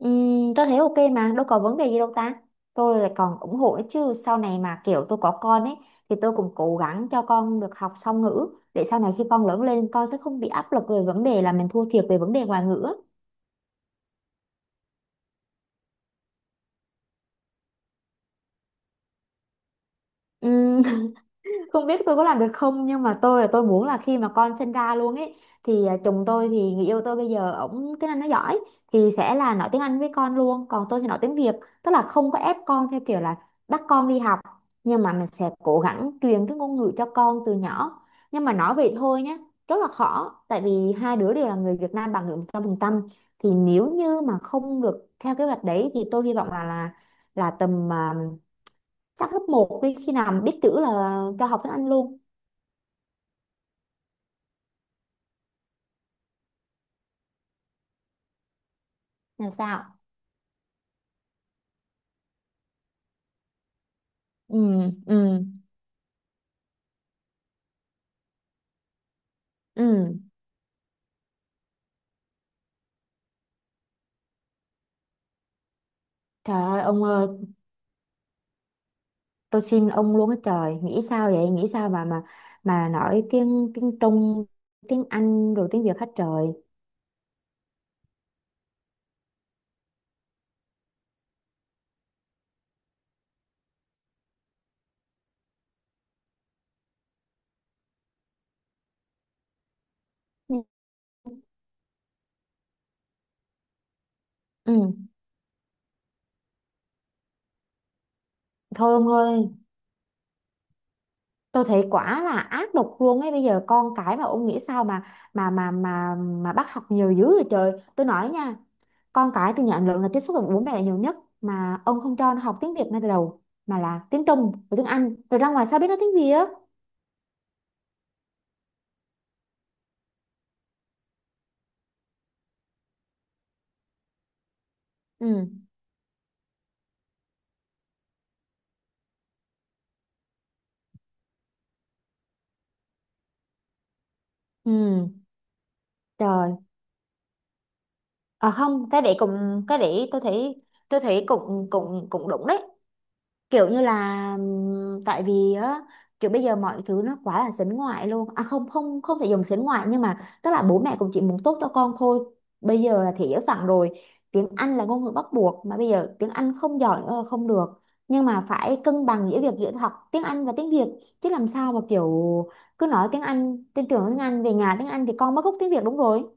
Tôi thấy ok mà đâu có vấn đề gì đâu ta, tôi lại còn ủng hộ nữa chứ. Sau này mà kiểu tôi có con ấy thì tôi cũng cố gắng cho con được học song ngữ, để sau này khi con lớn lên con sẽ không bị áp lực về vấn đề là mình thua thiệt về vấn đề ngoại ngữ á. Không biết tôi có làm được không, nhưng mà tôi là tôi muốn là khi mà con sinh ra luôn ấy thì chồng tôi, thì người yêu tôi bây giờ, ổng tiếng Anh nó giỏi thì sẽ là nói tiếng Anh với con luôn, còn tôi thì nói tiếng Việt. Tức là không có ép con theo kiểu là bắt con đi học, nhưng mà mình sẽ cố gắng truyền cái ngôn ngữ cho con từ nhỏ. Nhưng mà nói vậy thôi nhé, rất là khó tại vì hai đứa đều là người Việt Nam bản ngữ 100%. Thì nếu như mà không được theo kế hoạch đấy thì tôi hy vọng là là tầm, chắc lớp 1 đi, khi nào mà biết chữ là cho học tiếng Anh luôn. Là sao? Ừ. Ừ. Ừ. Trời ơi ông ơi, tôi xin ông luôn á trời, nghĩ sao vậy, nghĩ sao mà mà nói tiếng tiếng Trung, tiếng Anh rồi tiếng Việt hết trời. Ừ. Ừ. Thôi ông ơi, tôi thấy quả là ác độc luôn ấy, bây giờ con cái mà ông nghĩ sao mà bắt học nhiều dữ vậy trời. Tôi nói nha, con cái từ nhỏ đến lớn là tiếp xúc với bố mẹ là nhiều nhất, mà ông không cho nó học tiếng Việt ngay từ đầu mà là tiếng Trung và tiếng Anh, rồi ra ngoài sao biết nói tiếng Việt. Ừ. Ừ. Trời. À không, cái đấy cũng, cái đấy tôi thấy cũng cũng cũng đúng đấy, kiểu như là tại vì á, kiểu bây giờ mọi thứ nó quá là sến ngoại luôn. À không không không thể dùng sến ngoại, nhưng mà tức là bố mẹ cũng chỉ muốn tốt cho con thôi. Bây giờ là thế giới phẳng rồi, tiếng Anh là ngôn ngữ bắt buộc mà, bây giờ tiếng Anh không giỏi nữa là không được. Nhưng mà phải cân bằng giữa việc, giữa học tiếng Anh và tiếng Việt, chứ làm sao mà kiểu cứ nói tiếng Anh trên trường, nói tiếng Anh về nhà tiếng Anh thì con mất gốc tiếng Việt, đúng rồi.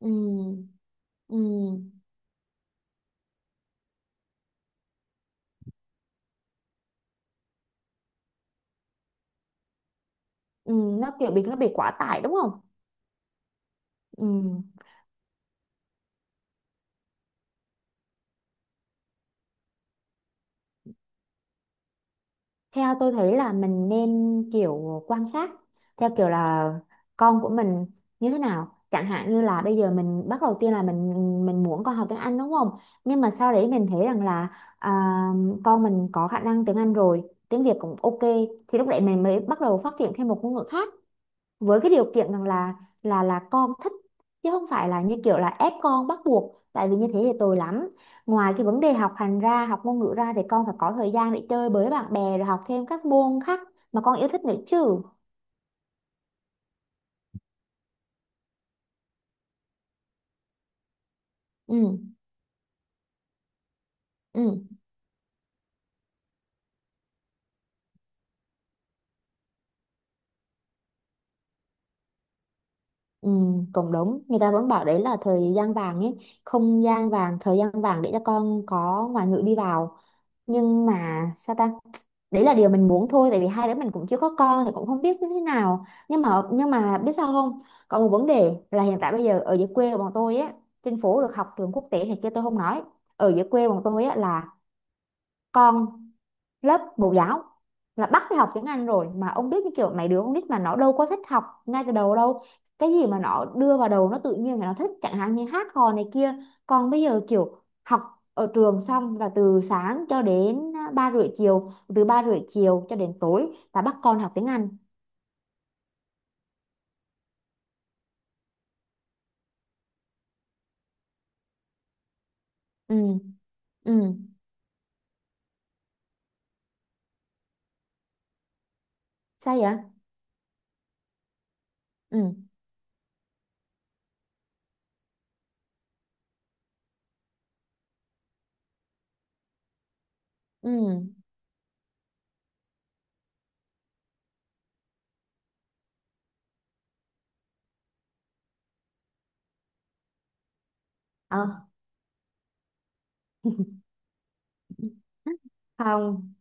Ừ. Ừ. Ừ. Nó kiểu bị, nó bị quá tải đúng không. Ừ. Theo tôi thấy là mình nên kiểu quan sát theo kiểu là con của mình như thế nào. Chẳng hạn như là bây giờ mình bắt đầu tiên là mình muốn con học tiếng Anh đúng không? Nhưng mà sau đấy mình thấy rằng là à, con mình có khả năng tiếng Anh rồi, tiếng Việt cũng ok, thì lúc đấy mình mới bắt đầu phát triển thêm một ngôn ngữ khác, với cái điều kiện rằng là là con thích, chứ không phải là như kiểu là ép con bắt buộc, tại vì như thế thì tồi lắm. Ngoài cái vấn đề học hành ra, học ngôn ngữ ra thì con phải có thời gian để chơi với bạn bè, rồi học thêm các môn khác mà con yêu thích nữa chứ. Ừ. Ừ. Ừ. Cũng đúng, người ta vẫn bảo đấy là thời gian vàng ấy, không gian vàng, thời gian vàng để cho con có ngoại ngữ đi vào. Nhưng mà sao ta, đấy là điều mình muốn thôi, tại vì hai đứa mình cũng chưa có con thì cũng không biết như thế nào. Nhưng mà biết sao không, còn một vấn đề là hiện tại bây giờ ở dưới quê của bọn tôi á, trên phố được học trường quốc tế này kia tôi không nói, ở dưới quê bọn tôi á là con lớp mẫu giáo là bắt đi học tiếng Anh rồi. Mà ông biết, như kiểu mấy đứa con nít mà nó đâu có thích học ngay từ đầu đâu, cái gì mà nó đưa vào đầu nó tự nhiên là nó thích chẳng hạn như hát hò này kia. Còn bây giờ kiểu học ở trường xong là từ sáng cho đến 3 rưỡi chiều, từ 3 rưỡi chiều cho đến tối là bắt con học tiếng Anh. Ừ. Ừ. Sao vậy? Ừ. Ừ. Ờ. không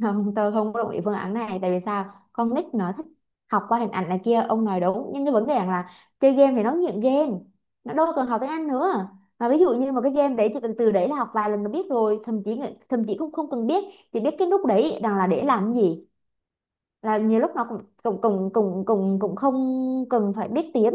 không tôi không có đồng ý phương án này. Tại vì sao? Con nít nó thích học qua hình ảnh này kia, ông nói đúng, nhưng cái vấn đề rằng là chơi game thì nó nghiện game, nó đâu cần học tiếng Anh nữa. Mà ví dụ như một cái game đấy chỉ cần từ đấy là học vài lần nó biết rồi, thậm chí cũng không cần biết, chỉ biết cái nút đấy rằng là để làm cái gì, là nhiều lúc nó cũng cũng cũng cũng cũng, cũng không cần phải biết tiếng.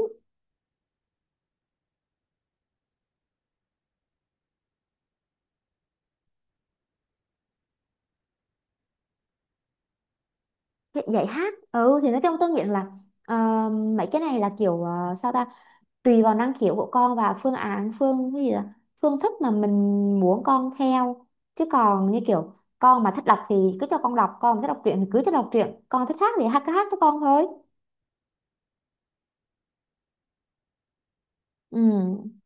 Cái- dạy hát, ừ thì nói trong tôi nghĩ là, ờ, mấy cái này là kiểu, sao ta, tùy vào năng khiếu của con và phương án, phương cái gì đó, phương thức mà mình muốn con theo, chứ còn như kiểu con mà thích đọc thì cứ cho con đọc, con mà thích đọc truyện thì cứ cho đọc truyện, con thích hát thì hát, cứ hát cho con thôi. Ừ,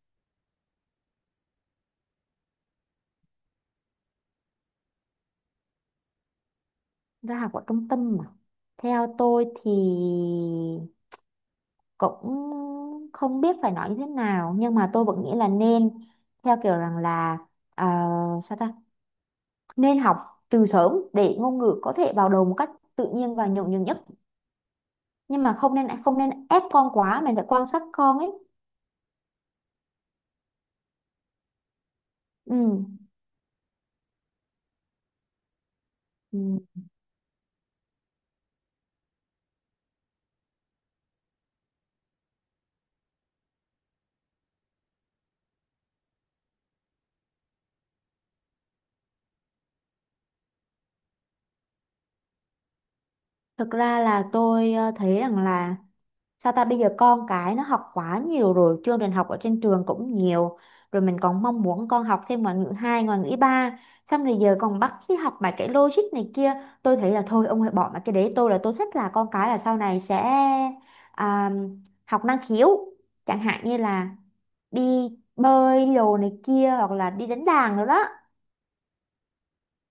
ra học ở trung tâm mà, theo tôi thì cũng không biết phải nói như thế nào, nhưng mà tôi vẫn nghĩ là nên theo kiểu rằng là, ờ, sao ta, nên học từ sớm để ngôn ngữ có thể vào đầu một cách tự nhiên và nhuần nhuyễn nhất. Nhưng mà không nên ép con quá, mình phải quan sát con ấy. Ừ. Ừ. Thực ra là tôi thấy rằng là sao ta, bây giờ con cái nó học quá nhiều rồi, chương trình học ở trên trường cũng nhiều rồi, mình còn mong muốn con học thêm ngoại ngữ hai, ngoại ngữ ba, xong rồi giờ còn bắt đi học mà cái logic này kia. Tôi thấy là thôi ông hãy bỏ mà cái đấy, tôi là tôi thích là con cái là sau này sẽ à, học năng khiếu, chẳng hạn như là đi bơi đồ này kia, hoặc là đi đánh đàn rồi đó.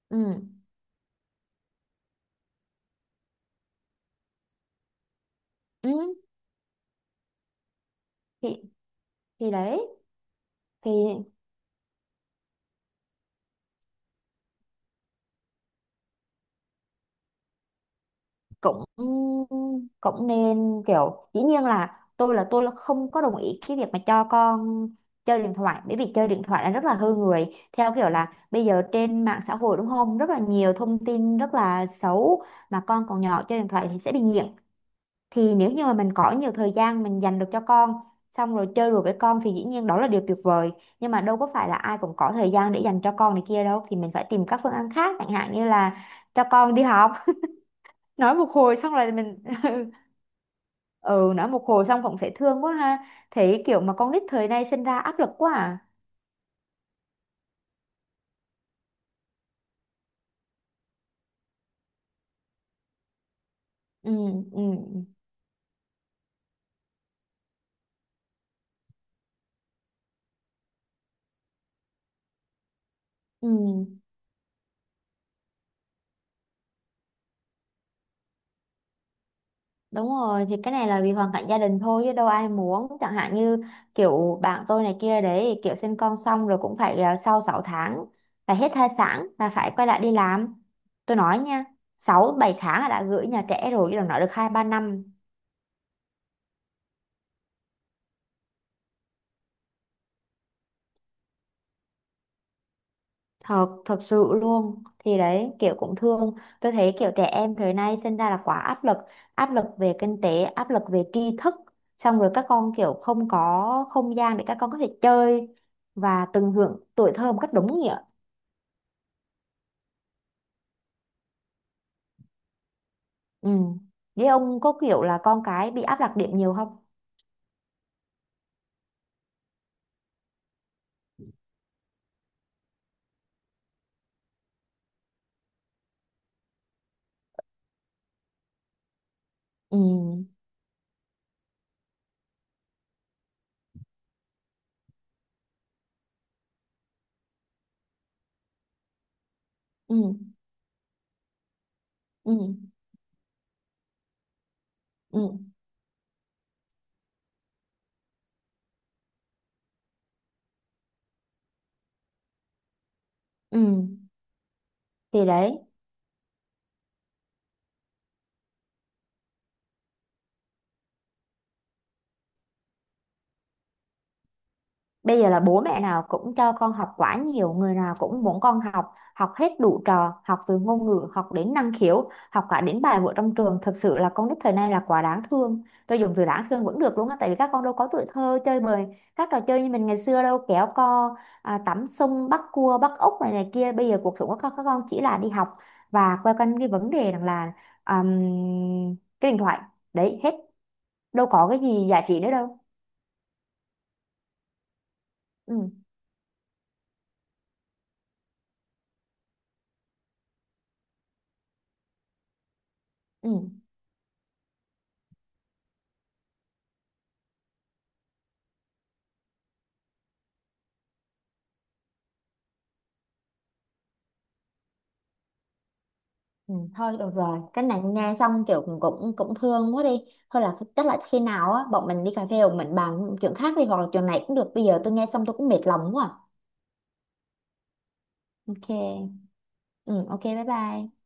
Ừ. Ừ. thì thì đấy, thì cũng cũng nên kiểu, dĩ nhiên là tôi là không có đồng ý cái việc mà cho con chơi điện thoại, bởi vì chơi điện thoại là rất là hư người, theo kiểu là bây giờ trên mạng xã hội đúng không, rất là nhiều thông tin rất là xấu, mà con còn nhỏ chơi điện thoại thì sẽ bị nghiện. Thì nếu như mà mình có nhiều thời gian mình dành được cho con, xong rồi chơi đùa với con thì dĩ nhiên đó là điều tuyệt vời, nhưng mà đâu có phải là ai cũng có thời gian để dành cho con này kia đâu, thì mình phải tìm các phương án khác, chẳng hạn như là cho con đi học. Nói một hồi xong là mình ừ, nói một hồi xong cũng thấy thương quá ha. Thấy kiểu mà con nít thời nay sinh ra áp lực quá à. Ừ. Ừ. Ừ. Đúng rồi, thì cái này là vì hoàn cảnh gia đình thôi chứ đâu ai muốn, chẳng hạn như kiểu bạn tôi này kia đấy, kiểu sinh con xong rồi cũng phải, sau 6 tháng là hết thai sản là phải quay lại đi làm. Tôi nói nha, 6-7 tháng là đã gửi nhà trẻ rồi chứ đừng nói được 2-3 năm. Thật thật sự luôn, thì đấy kiểu cũng thương, tôi thấy kiểu trẻ em thời nay sinh ra là quá áp lực, áp lực về kinh tế, áp lực về tri thức, xong rồi các con kiểu không có không gian để các con có thể chơi và tận hưởng tuổi thơ một cách đúng nghĩa. Ừ, với ông có kiểu là con cái bị áp đặt điểm nhiều không? Ừ. Ừ. Ừ. Ừ. Ừ, thì đấy. Bây giờ là bố mẹ nào cũng cho con học quá nhiều, người nào cũng muốn con học, học hết đủ trò, học từ ngôn ngữ, học đến năng khiếu, học cả đến bài vở trong trường. Thực sự là con nít thời nay là quá đáng thương. Tôi dùng từ đáng thương vẫn được đúng không? Tại vì các con đâu có tuổi thơ chơi bời, các trò chơi như mình ngày xưa đâu, kéo co, tắm sông, bắt cua, bắt ốc này này kia. Bây giờ cuộc sống của các con chỉ là đi học và quay quanh cái vấn đề rằng là um, cái điện thoại. Đấy, hết. Đâu có cái gì giá trị nữa đâu. Ừ. Ừ. Ừ, thôi được rồi, cái này nghe xong kiểu cũng cũng cũng thương quá đi, thôi là chắc là khi nào á bọn mình đi cà phê bọn mình bàn chuyện khác đi, hoặc là chuyện này cũng được, bây giờ tôi nghe xong tôi cũng mệt lòng quá à. Ok. Ừ ok, bye bye.